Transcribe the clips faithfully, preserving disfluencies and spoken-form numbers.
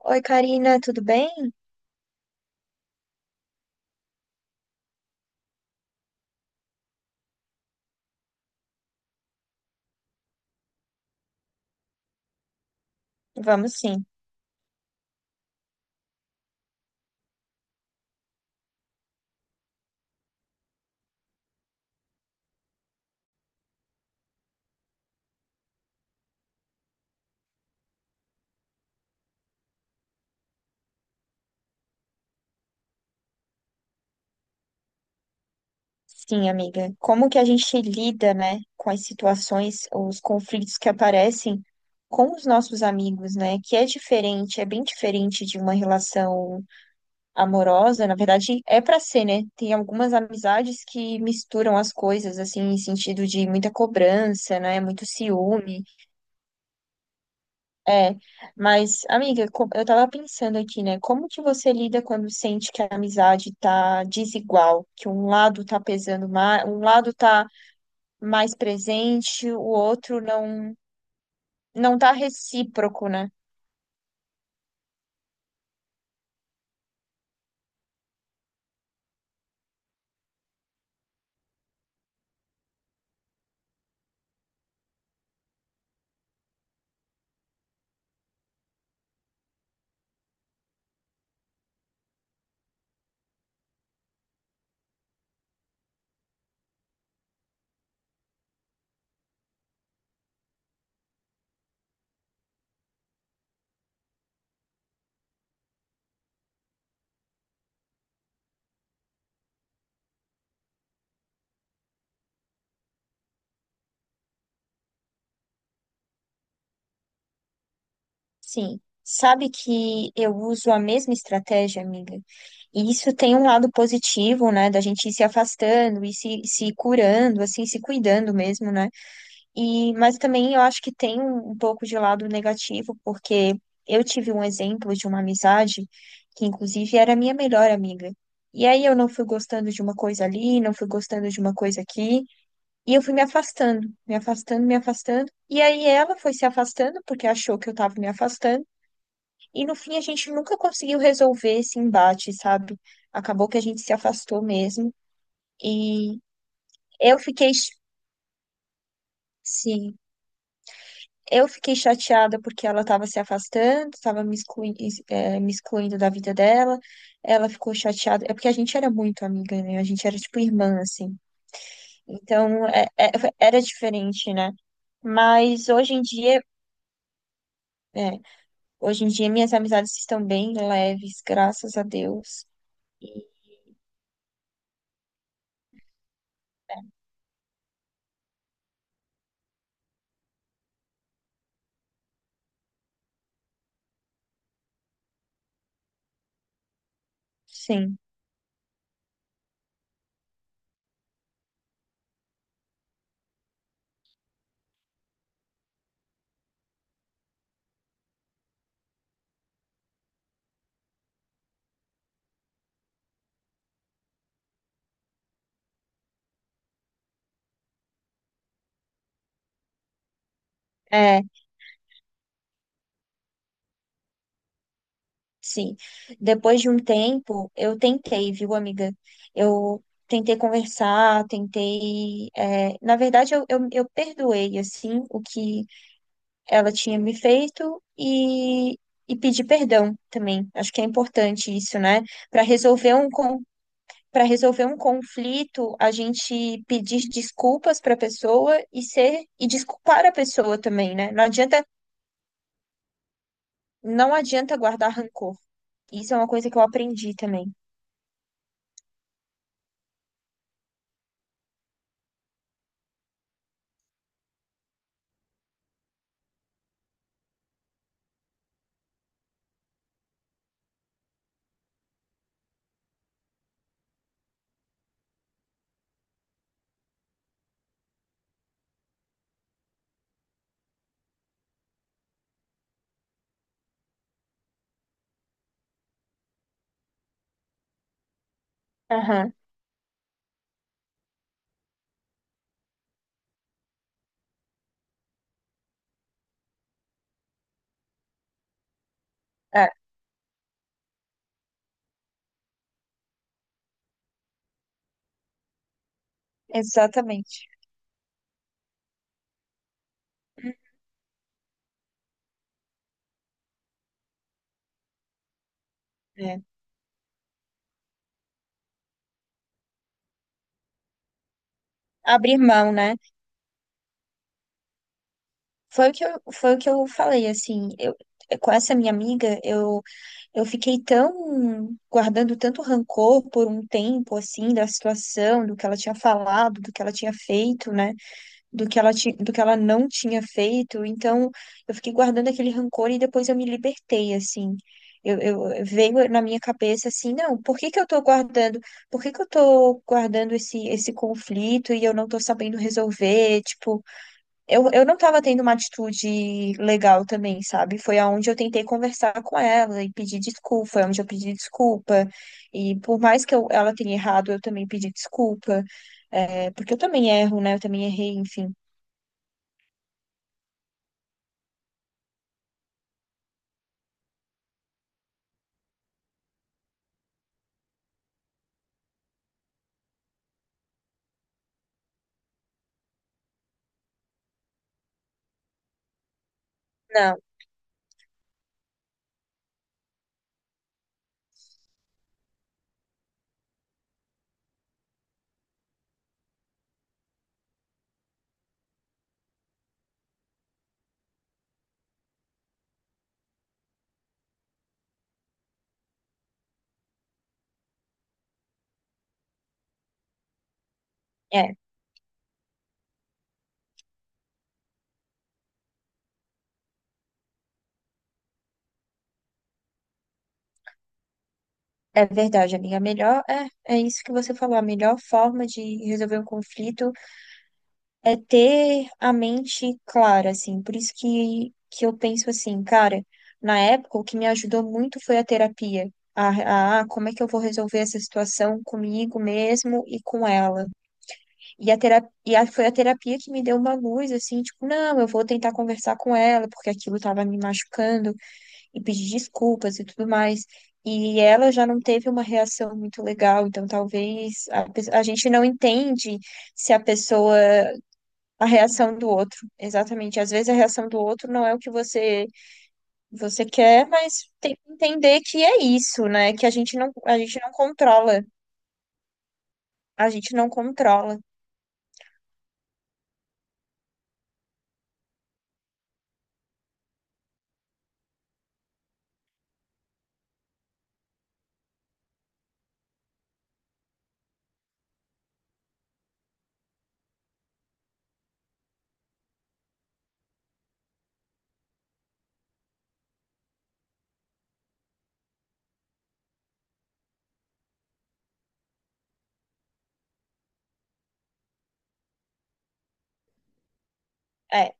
Oi, Karina, tudo bem? Vamos sim. Sim, amiga. Como que a gente lida, né, com as situações, os conflitos que aparecem com os nossos amigos, né? Que é diferente, é bem diferente de uma relação amorosa. Na verdade, é pra ser, né? Tem algumas amizades que misturam as coisas, assim, em sentido de muita cobrança, né? Muito ciúme. É, mas, amiga, co- eu tava pensando aqui, né? Como que você lida quando sente que a amizade tá desigual, que um lado tá pesando mais, um lado tá mais presente, o outro não não tá recíproco, né? Sim. Sabe que eu uso a mesma estratégia, amiga? E isso tem um lado positivo, né? Da gente ir se afastando e se, se curando, assim, se cuidando mesmo, né? E, mas também eu acho que tem um, um pouco de lado negativo, porque eu tive um exemplo de uma amizade que, inclusive, era minha melhor amiga. E aí eu não fui gostando de uma coisa ali, não fui gostando de uma coisa aqui, e eu fui me afastando, me afastando, me afastando. E aí ela foi se afastando porque achou que eu tava me afastando, e no fim a gente nunca conseguiu resolver esse embate, sabe? Acabou que a gente se afastou mesmo. E eu fiquei, sim, eu fiquei chateada porque ela estava se afastando, estava me excluindo, me excluindo da vida dela. Ela ficou chateada. É porque a gente era muito amiga, né? A gente era tipo irmã, assim. Então, é- é- era diferente, né? Mas hoje em dia, é, hoje em dia minhas amizades estão bem leves, graças a Deus. E, é, sim. É. Sim. Depois de um tempo, eu tentei, viu, amiga? Eu tentei conversar, tentei. é, Na verdade, eu, eu, eu perdoei, assim, o que ela tinha me feito e, e pedi perdão também. Acho que é importante isso, né? Para resolver um con... para resolver um conflito, a gente pedir desculpas para a pessoa e ser e desculpar a pessoa também, né? Não adianta, não adianta guardar rancor. Isso é uma coisa que eu aprendi também. Aham. Exatamente. É. Abrir mão, né? Foi o que eu, foi o que eu falei, assim, eu, com essa minha amiga, eu, eu fiquei tão guardando tanto rancor por um tempo, assim, da situação, do que ela tinha falado, do que ela tinha feito, né? do que ela ti- do que ela não tinha feito. Então, eu fiquei guardando aquele rancor e depois eu me libertei, assim. Eu, eu- veio na minha cabeça assim, não, por que que eu tô guardando? Por que que eu tô guardando esse esse conflito e eu não tô sabendo resolver? Tipo, eu, eu não tava tendo uma atitude legal também, sabe? Foi aonde eu tentei conversar com ela e pedir desculpa, foi onde eu pedi desculpa. E por mais que eu, ela tenha errado, eu também pedi desculpa. É, porque eu também erro, né? Eu também errei, enfim. Não, é, é verdade, amiga. A melhor, é, é isso que você falou. A melhor forma de resolver um conflito é ter a mente clara, assim. Por isso que, que eu penso assim, cara, na época o que me ajudou muito foi a terapia. A, a, ah, como é que eu vou resolver essa situação comigo mesmo e com ela? E a terapia, e a- foi a terapia que me deu uma luz, assim, tipo, não, eu vou tentar conversar com ela, porque aquilo tava me machucando. E pedir desculpas e tudo mais. E ela já não teve uma reação muito legal, então talvez a, pe- a gente não entende se a pessoa, a reação do outro. Exatamente. Às vezes a reação do outro não é o que você você quer, mas tem que entender que é isso, né? Que a gente não, a gente não controla. A gente não controla. É,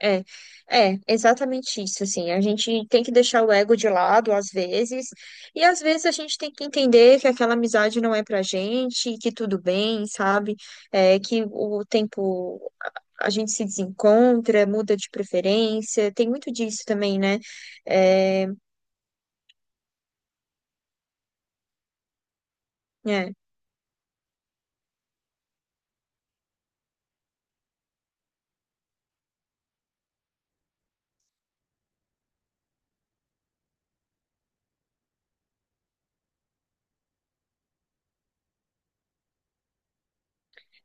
É, é, exatamente isso, assim, a gente tem que deixar o ego de lado às vezes, e às vezes a gente tem que entender que aquela amizade não é pra gente, que tudo bem, sabe? É, que o tempo a gente se desencontra, muda de preferência, tem muito disso também, né? É, é,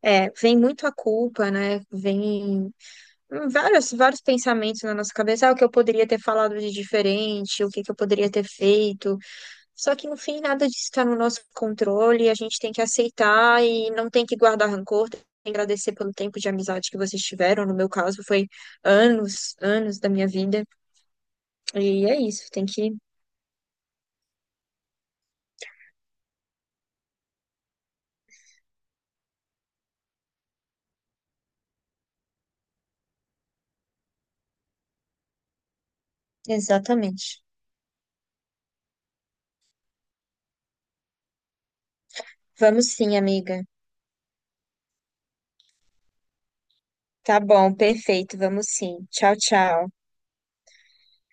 é, vem muito a culpa, né? Vem vários, vários pensamentos na nossa cabeça, ah, o que eu poderia ter falado de diferente, o que que eu poderia ter feito. Só que no fim nada disso está no nosso controle, a gente tem que aceitar e não tem que guardar rancor, tem que agradecer pelo tempo de amizade que vocês tiveram. No meu caso, foi anos, anos da minha vida. E é isso, tem que. Exatamente. Vamos sim, amiga. Tá bom, perfeito, vamos sim. Tchau, tchau.